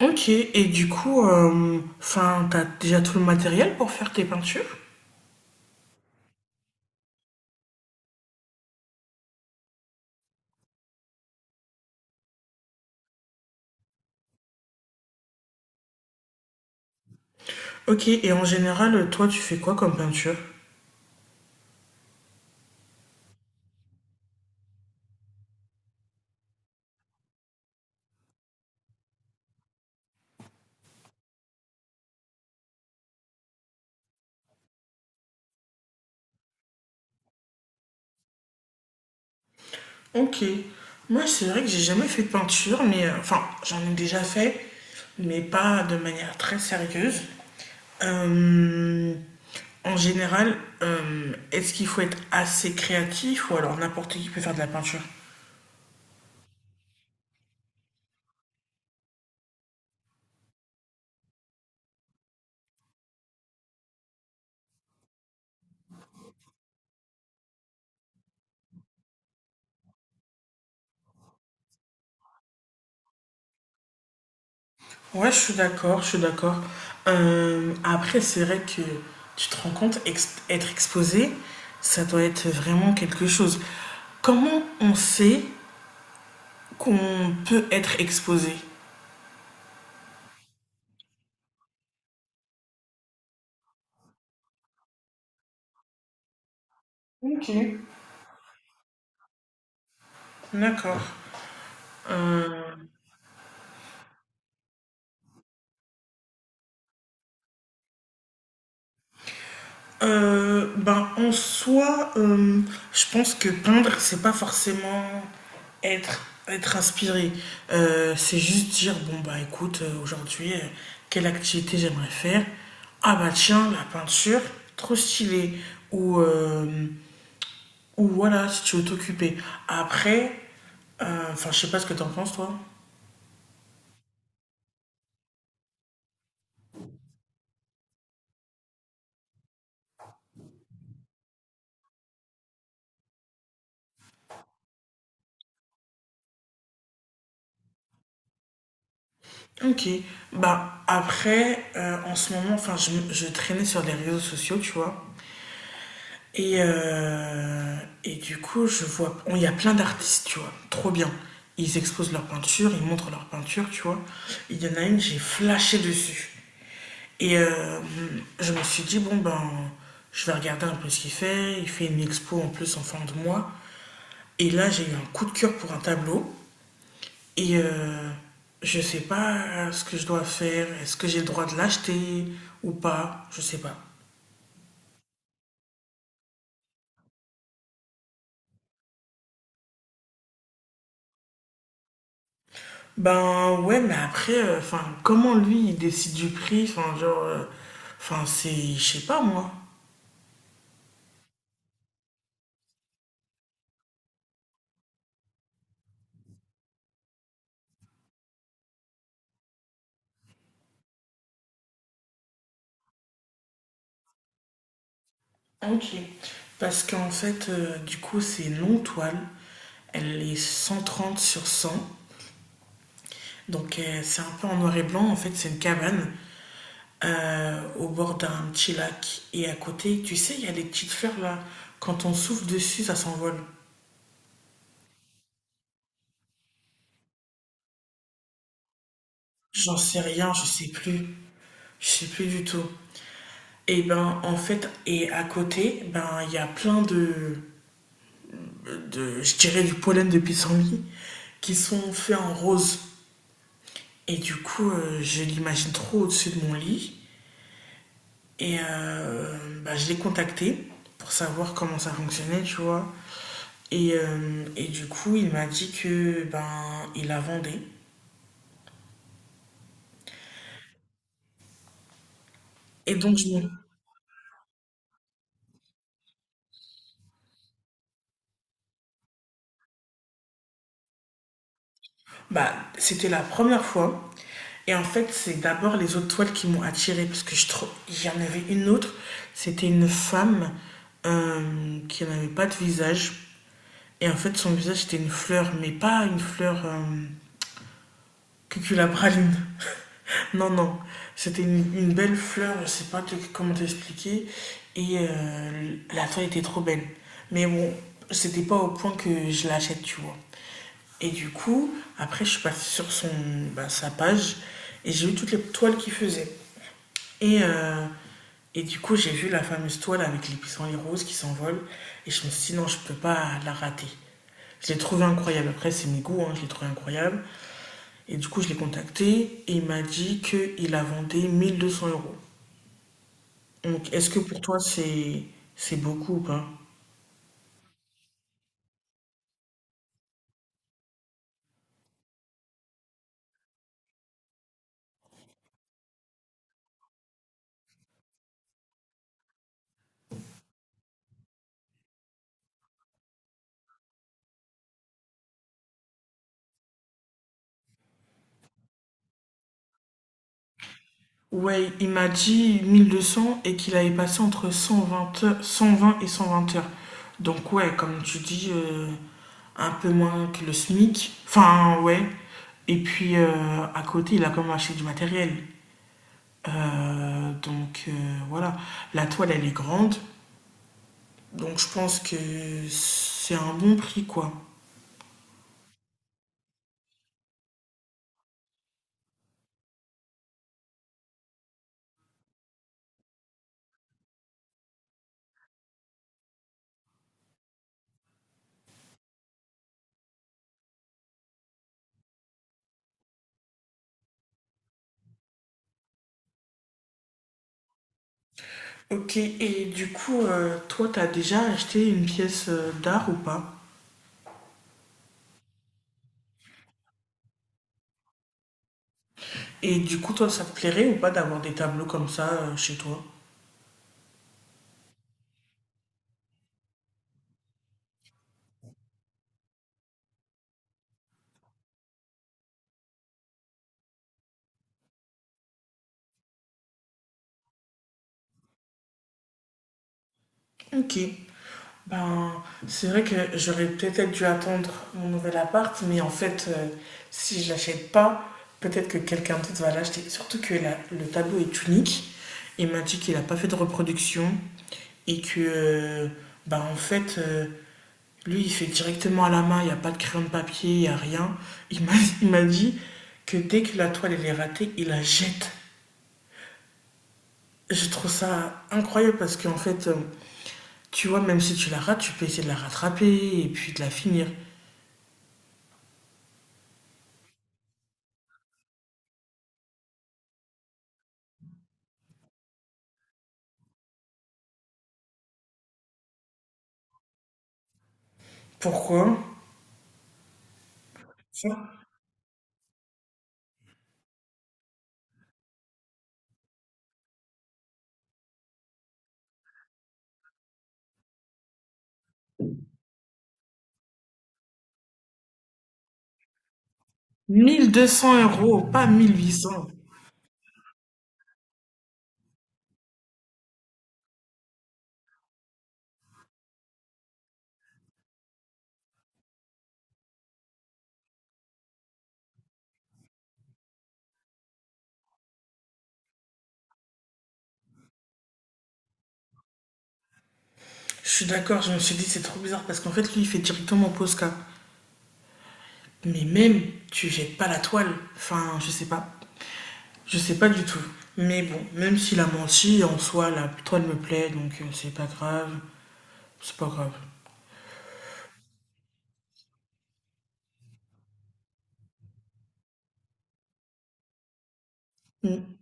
Ok, et du coup, t'as déjà tout le matériel pour faire tes peintures? Ok, et en général, toi, tu fais quoi comme peinture? Ok, moi, c'est vrai que j'ai jamais fait de peinture, mais j'en ai déjà fait, mais pas de manière très sérieuse. Euh, En général, est-ce qu'il faut être assez créatif ou alors n'importe qui peut faire de la peinture? Ouais, je suis d'accord, je suis d'accord. Après, c'est vrai que tu te rends compte, être exposé, ça doit être vraiment quelque chose. Comment on sait qu'on peut être exposé? Ok. D'accord. Euh, ben, en soi, je pense que peindre, c'est pas forcément être, être inspiré. C'est juste dire, bon, bah écoute, aujourd'hui, quelle activité j'aimerais faire? Ah, bah tiens, la peinture, trop stylé. Ou, voilà, si tu veux t'occuper. Après, je sais pas ce que t'en penses, toi. Ok, bah après, en ce moment, enfin, je traînais sur les réseaux sociaux, tu vois. Et, euh, et du coup, je vois, il y a plein d'artistes, tu vois, trop bien. Ils exposent leur peinture, ils montrent leur peinture, tu vois. Il y en a une, j'ai flashé dessus. Et euh, je me suis dit, bon, ben, je vais regarder un peu ce qu'il fait. Il fait une expo en plus en fin de mois. Et là, j'ai eu un coup de cœur pour un tableau. Et euh, je sais pas ce que je dois faire. Est-ce que j'ai le droit de l'acheter ou pas? Je sais pas. Ben ouais, mais après, comment lui il décide du prix, enfin c'est, je sais pas moi. Ok. Parce qu'en fait, du coup, c'est non toile. Elle est 130 sur 100. Donc c'est un peu en noir et blanc. En fait, c'est une cabane au bord d'un petit lac. Et à côté, tu sais, il y a des petites fleurs là. Quand on souffle dessus, ça s'envole. J'en sais rien, je sais plus. Je sais plus du tout. Et ben en fait, et à côté, ben il y a plein de je dirais, du pollen de pissenlit qui sont faits en rose. Et du coup, je l'imagine trop au-dessus de mon lit. Et euh, Bah, je l'ai contacté pour savoir comment ça fonctionnait, tu vois. Et du coup, il m'a dit que ben il la vendait. Et donc, bah, c'était la première fois. Et en fait, c'est d'abord les autres toiles qui m'ont attirée parce que je trouve, il y en avait une autre. C'était une femme qui n'avait pas de visage. Et en fait, son visage c'était une fleur, mais pas une fleur cuculapraline. Non, non. C'était une belle fleur, je sais pas comment t'expliquer. La toile était trop belle. Mais bon, c'était pas au point que je l'achète, tu vois. Et du coup, après, je suis passée sur son, bah, sa page et j'ai vu toutes les toiles qu'il faisait. Et, euh, et du coup, j'ai vu la fameuse toile avec les pissenlits roses qui s'envolent. Et je me suis dit, non, je ne peux pas la rater. Je l'ai trouvé incroyable. Après, c'est mes goûts, hein, je l'ai trouvé incroyable. Et du coup, je l'ai contacté et il m'a dit qu'il la vendait 1200 euros. Donc, est-ce que pour toi, c'est beaucoup ou pas? Ouais, il m'a dit 1200 et qu'il avait passé entre 120 et 120 heures. Donc ouais, comme tu dis, un peu moins que le SMIC. Enfin, ouais. Et puis, à côté, il a quand même acheté du matériel. Donc voilà, la toile, elle est grande. Donc je pense que c'est un bon prix, quoi. Ok, et du coup, toi, t'as déjà acheté une pièce d'art ou pas? Et du coup, toi, ça te plairait ou pas d'avoir des tableaux comme ça chez toi? Ok. Ben, c'est vrai que j'aurais peut-être dû attendre mon nouvel appart, mais en fait, si je l'achète pas, peut-être que quelqu'un d'autre va l'acheter. Surtout que le tableau est unique. Il m'a dit qu'il n'a pas fait de reproduction et que, ben, en fait, lui, il fait directement à la main, il n'y a pas de crayon de papier, il n'y a rien. Il m'a il m'a dit que dès que la toile elle est ratée, il la jette. Je trouve ça incroyable parce qu'en fait, tu vois, même si tu la rates, tu peux essayer de la rattraper et puis de la finir. Pourquoi? Ça, 1200 euros, pas 1800. Je suis d'accord, je me suis dit c'est trop bizarre parce qu'en fait, lui, il fait directement Posca. Mais même, tu jettes pas la toile. Enfin, je sais pas. Je sais pas du tout. Mais bon, même s'il a menti, en soi, la toile me plaît, donc c'est pas grave. C'est pas grave. Mm.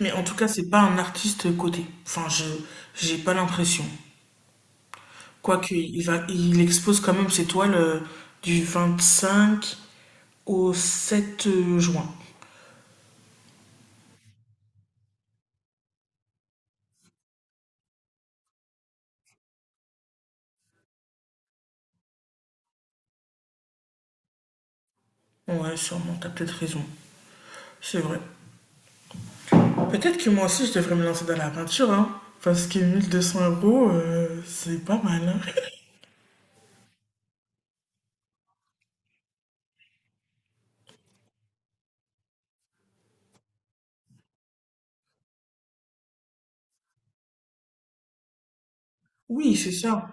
Mais en tout cas, c'est pas un artiste coté. Enfin, je j'ai pas l'impression. Quoique, il expose quand même ses toiles du 25 au 7 juin. Ouais, sûrement, t'as peut-être raison. C'est vrai. Peut-être que moi aussi, je devrais me lancer dans la peinture, hein. Parce que 1200 euros, c'est pas mal, hein. Oui, c'est ça.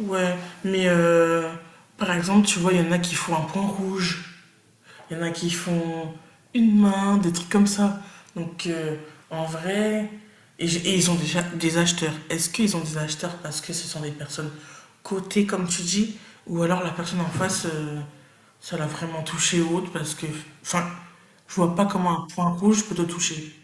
Ouais, mais par exemple, tu vois, il y en a qui font un point rouge. Il y en a qui font une main, des trucs comme ça. Donc, en vrai, et ils ont déjà des acheteurs. Est-ce qu'ils ont des acheteurs parce que ce sont des personnes cotées, comme tu dis, ou alors la personne en face, ça l'a vraiment touché ou autre parce que, enfin, je vois pas comment un point rouge peut te toucher.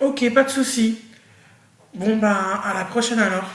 Ok, pas de souci. Bon, bah, à la prochaine alors.